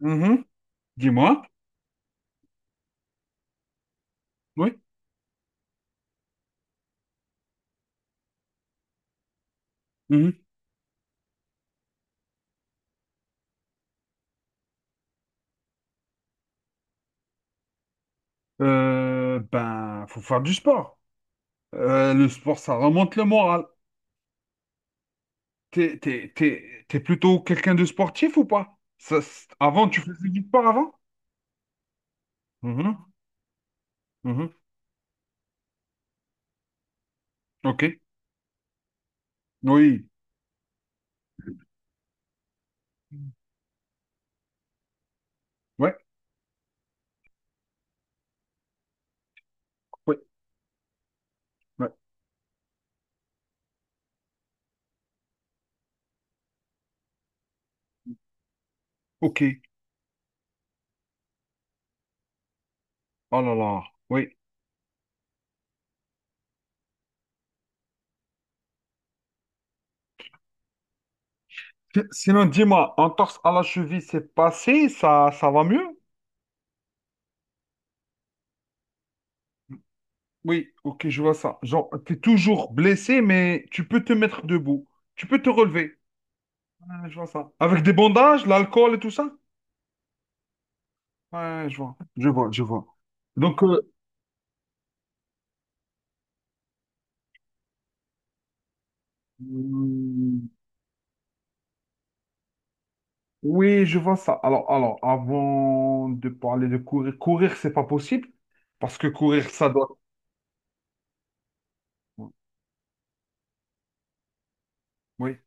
Mhm. Dis-moi. Oui. Mhm. Ben, faut faire du sport. Le sport, ça remonte le moral. T'es plutôt quelqu'un de sportif ou pas? Ça, avant, tu faisais du sport avant? Mhm. Mhm. Ok. Oui. Ouais. Oui. Ouais. Ok. Oh là là. Oui. Sinon, dis-moi, entorse à la cheville, c'est passé? Ça va mieux? Oui. Ok, je vois ça. Genre, t'es toujours blessé, mais tu peux te mettre debout. Tu peux te relever. Ouais, je vois ça. Avec des bandages, l'alcool et tout ça? Ouais, je vois. Je vois, je vois. Donc, hmm, oui, je vois ça. Alors, avant de parler de courir, courir, c'est pas possible parce que courir, ça doit. Oui,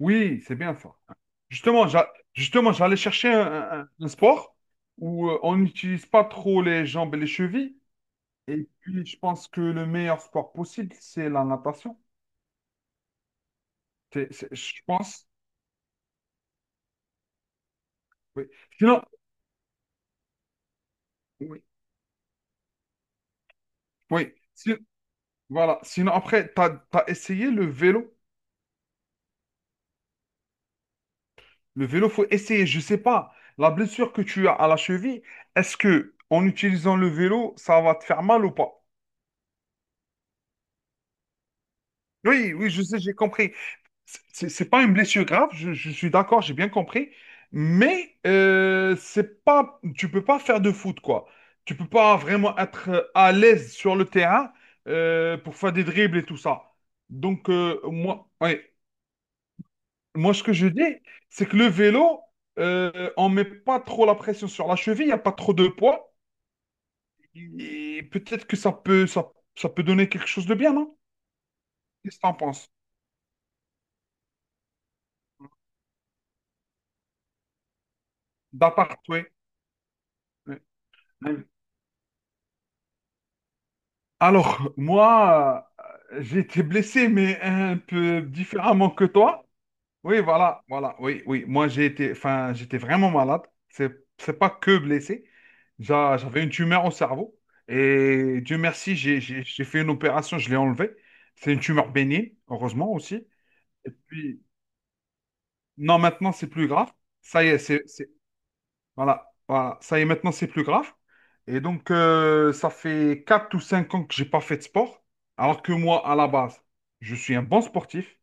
oui, c'est bien ça. Justement, justement, j'allais chercher un sport où on n'utilise pas trop les jambes et les chevilles. Et puis, je pense que le meilleur sport possible, c'est la natation. Je pense. Oui. Sinon, oui, oui. Voilà. Sinon, après, tu as essayé le vélo. Le vélo, faut essayer. Je sais pas. La blessure que tu as à la cheville, est-ce que en utilisant le vélo, ça va te faire mal ou pas? Oui, oui, je sais, j'ai compris. C'est pas une blessure grave, je suis d'accord, j'ai bien compris. Mais c'est pas, tu peux pas faire de foot, quoi. Tu peux pas vraiment être à l'aise sur le terrain pour faire des dribbles et tout ça. Donc, moi, oui, moi, ce que je dis, c'est que le vélo, on met pas trop la pression sur la cheville, il n'y a pas trop de poids. Et peut-être que ça peut donner quelque chose de bien, non? Qu'est-ce que t'en penses? D'appart, oui. Ouais. Alors, moi, j'ai été blessé, mais un peu différemment que toi. Oui, voilà, voilà, oui, oui. Moi, j'ai été, enfin, j'étais vraiment malade. C'est, c'est pas que blessé. J'avais une tumeur au cerveau. Et Dieu merci, j'ai fait une opération, je l'ai enlevée. C'est une tumeur bénigne, heureusement aussi. Et puis, non, maintenant, c'est plus grave. Ça y est, c'est, voilà, voilà. Ça y est, maintenant, c'est plus grave. Et donc, ça fait 4 ou 5 ans que j'ai pas fait de sport. Alors que moi, à la base, je suis un bon sportif.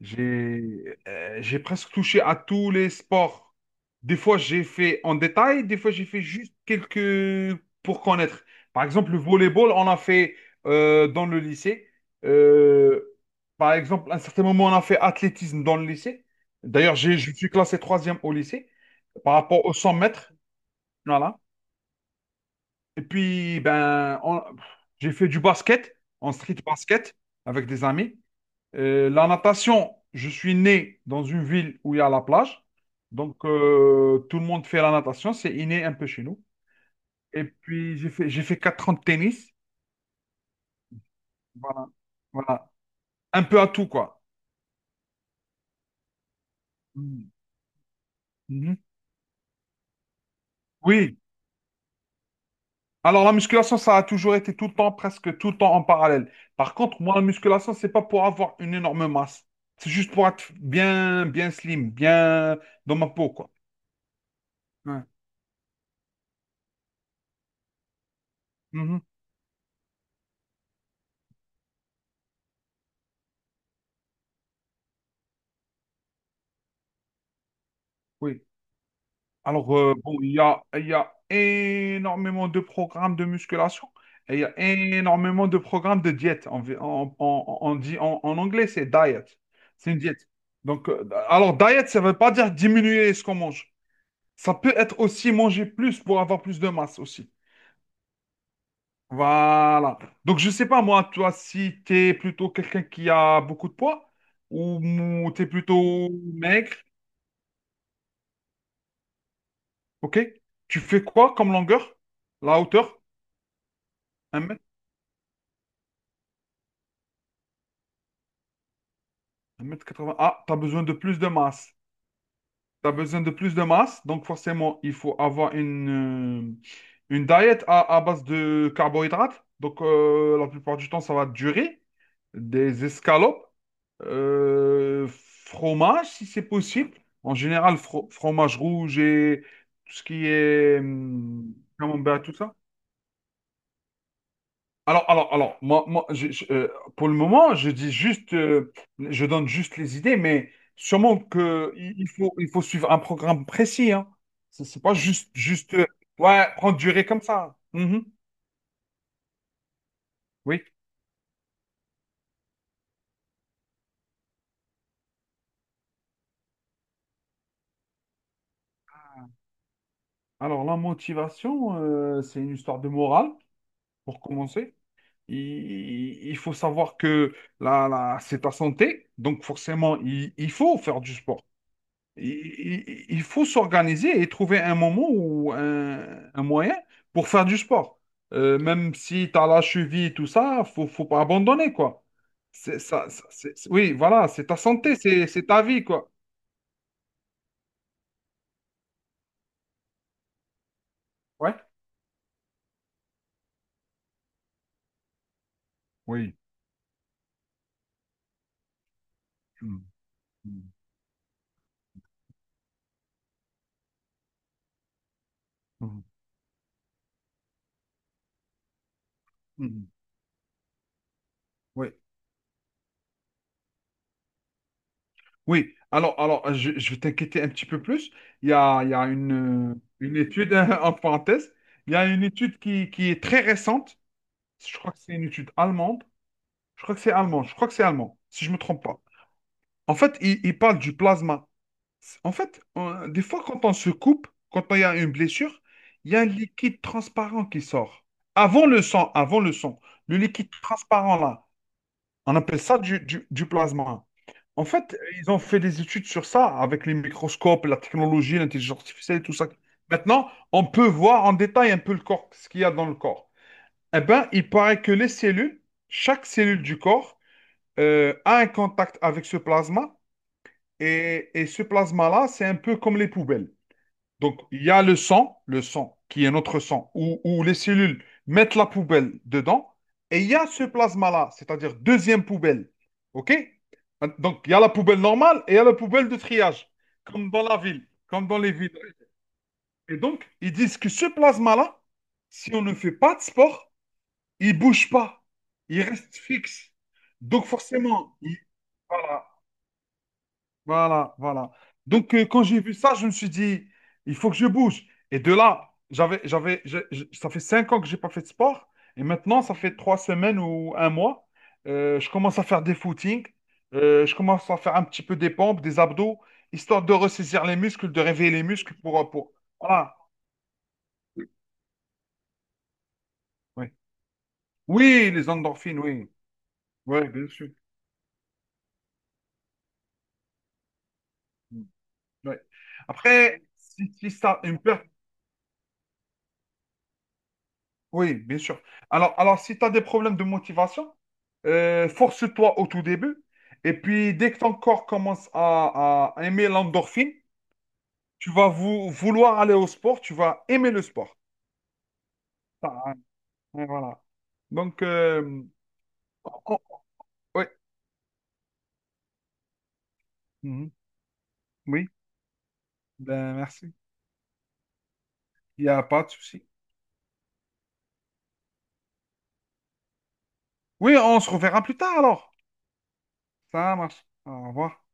J'ai j'ai presque touché à tous les sports. Des fois, j'ai fait en détail, des fois, j'ai fait juste quelques pour connaître. Par exemple, le volleyball, on a fait dans le lycée. Euh, par exemple, à un certain moment, on a fait athlétisme dans le lycée. D'ailleurs, je suis classé troisième au lycée par rapport aux 100 mètres. Voilà. Et puis, ben, j'ai fait du basket, en street basket, avec des amis. La natation, je suis né dans une ville où il y a la plage. Donc, tout le monde fait la natation. C'est inné un peu chez nous. Et puis, j'ai fait 4 ans de tennis. Voilà. Voilà. Un peu à tout, quoi. Mm. Mhm. Oui. Alors, la musculation, ça a toujours été tout le temps, presque tout le temps en parallèle. Par contre, moi, la musculation, c'est pas pour avoir une énorme masse. C'est juste pour être bien, bien slim, bien dans ma peau, quoi. Ouais. Mhm. Oui. Alors, bon, il y a énormément de programmes de musculation et il y a énormément de programmes de diète. On, vi- on dit en anglais, c'est diet. C'est une diète. Donc, alors, diet, ça ne veut pas dire diminuer ce qu'on mange. Ça peut être aussi manger plus pour avoir plus de masse aussi. Voilà. Donc, je sais pas, moi, toi, si t'es plutôt quelqu'un qui a beaucoup de poids ou t'es plutôt maigre, ok? Tu fais quoi comme longueur? La hauteur? Un mètre, Un mètre quatre-vingts. Ah, t'as besoin de plus de masse. Tu as besoin de plus de masse, donc forcément, il faut avoir une diète à base de carbohydrates. Donc, la plupart du temps, ça va durer. Des escalopes, euh, fromage, si c'est possible. En général, fromage rouge et tout ce qui est camembert, tout ça. Alors, moi, pour le moment, je dis juste, je donne juste les idées, mais sûrement que il faut suivre un programme précis, hein. C'est pas juste, juste, ouais, prendre durée comme ça. Mhm. Oui. Alors, la motivation, c'est une histoire de morale, pour commencer. Il, il faut savoir que là, là, c'est ta santé, donc forcément, il faut faire du sport. Il, faut s'organiser et trouver un moment ou un moyen pour faire du sport. Même si tu as la cheville et tout ça, faut pas abandonner, quoi. C'est ça, oui, voilà, c'est ta santé, c'est ta vie, quoi. Ouais. Oui. Mm, mm, mm, mm. Oui. Oui. Alors, je vais t'inquiéter un petit peu plus. Il y a une étude, en parenthèse, il y a une étude qui est très récente. Je crois que c'est une étude allemande. Je crois que c'est allemand. Je crois que c'est allemand, si je ne me trompe pas. En fait, il parle du plasma. En fait, des fois, quand on se coupe, quand il y a une blessure, il y a un liquide transparent qui sort. Avant le sang, le liquide transparent là, on appelle ça du plasma. En fait, ils ont fait des études sur ça avec les microscopes, la technologie, l'intelligence artificielle, et tout ça. Maintenant, on peut voir en détail un peu le corps, ce qu'il y a dans le corps. Eh bien, il paraît que les cellules, chaque cellule du corps, a un contact avec ce plasma et ce plasma-là, c'est un peu comme les poubelles. Donc, il y a le sang qui est notre sang, où les cellules mettent la poubelle dedans, et il y a ce plasma-là, c'est-à-dire deuxième poubelle. OK? Donc, il y a la poubelle normale et il y a la poubelle de triage, comme dans la ville, comme dans les villes. Et donc, ils disent que ce plasma-là, si on ne fait pas de sport, il ne bouge pas, il reste fixe. Donc, forcément, voilà, voilà, voilà. Donc, quand j'ai vu ça, je me suis dit, il faut que je bouge. Et de là, ça fait cinq ans que j'ai pas fait de sport. Et maintenant, ça fait trois semaines ou un mois, je commence à faire des footings. Je commence à faire un petit peu des pompes, des abdos, histoire de ressaisir les muscles, de réveiller les muscles pour. Voilà. Oui. Oui, les endorphines, oui. Oui, bien sûr. Oui. Après, si ça, une perte. Oui, bien sûr. Alors, si tu as des problèmes de motivation, force-toi au tout début. Et puis, dès que ton corps commence à aimer l'endorphine, tu vas vouloir aller au sport, tu vas aimer le sport. Ah, ouais, voilà. Donc, on- ouais. Mhm. Oui, ben, merci. Il n'y a pas de souci. Oui, on se reverra plus tard alors. Ça marche. Au revoir.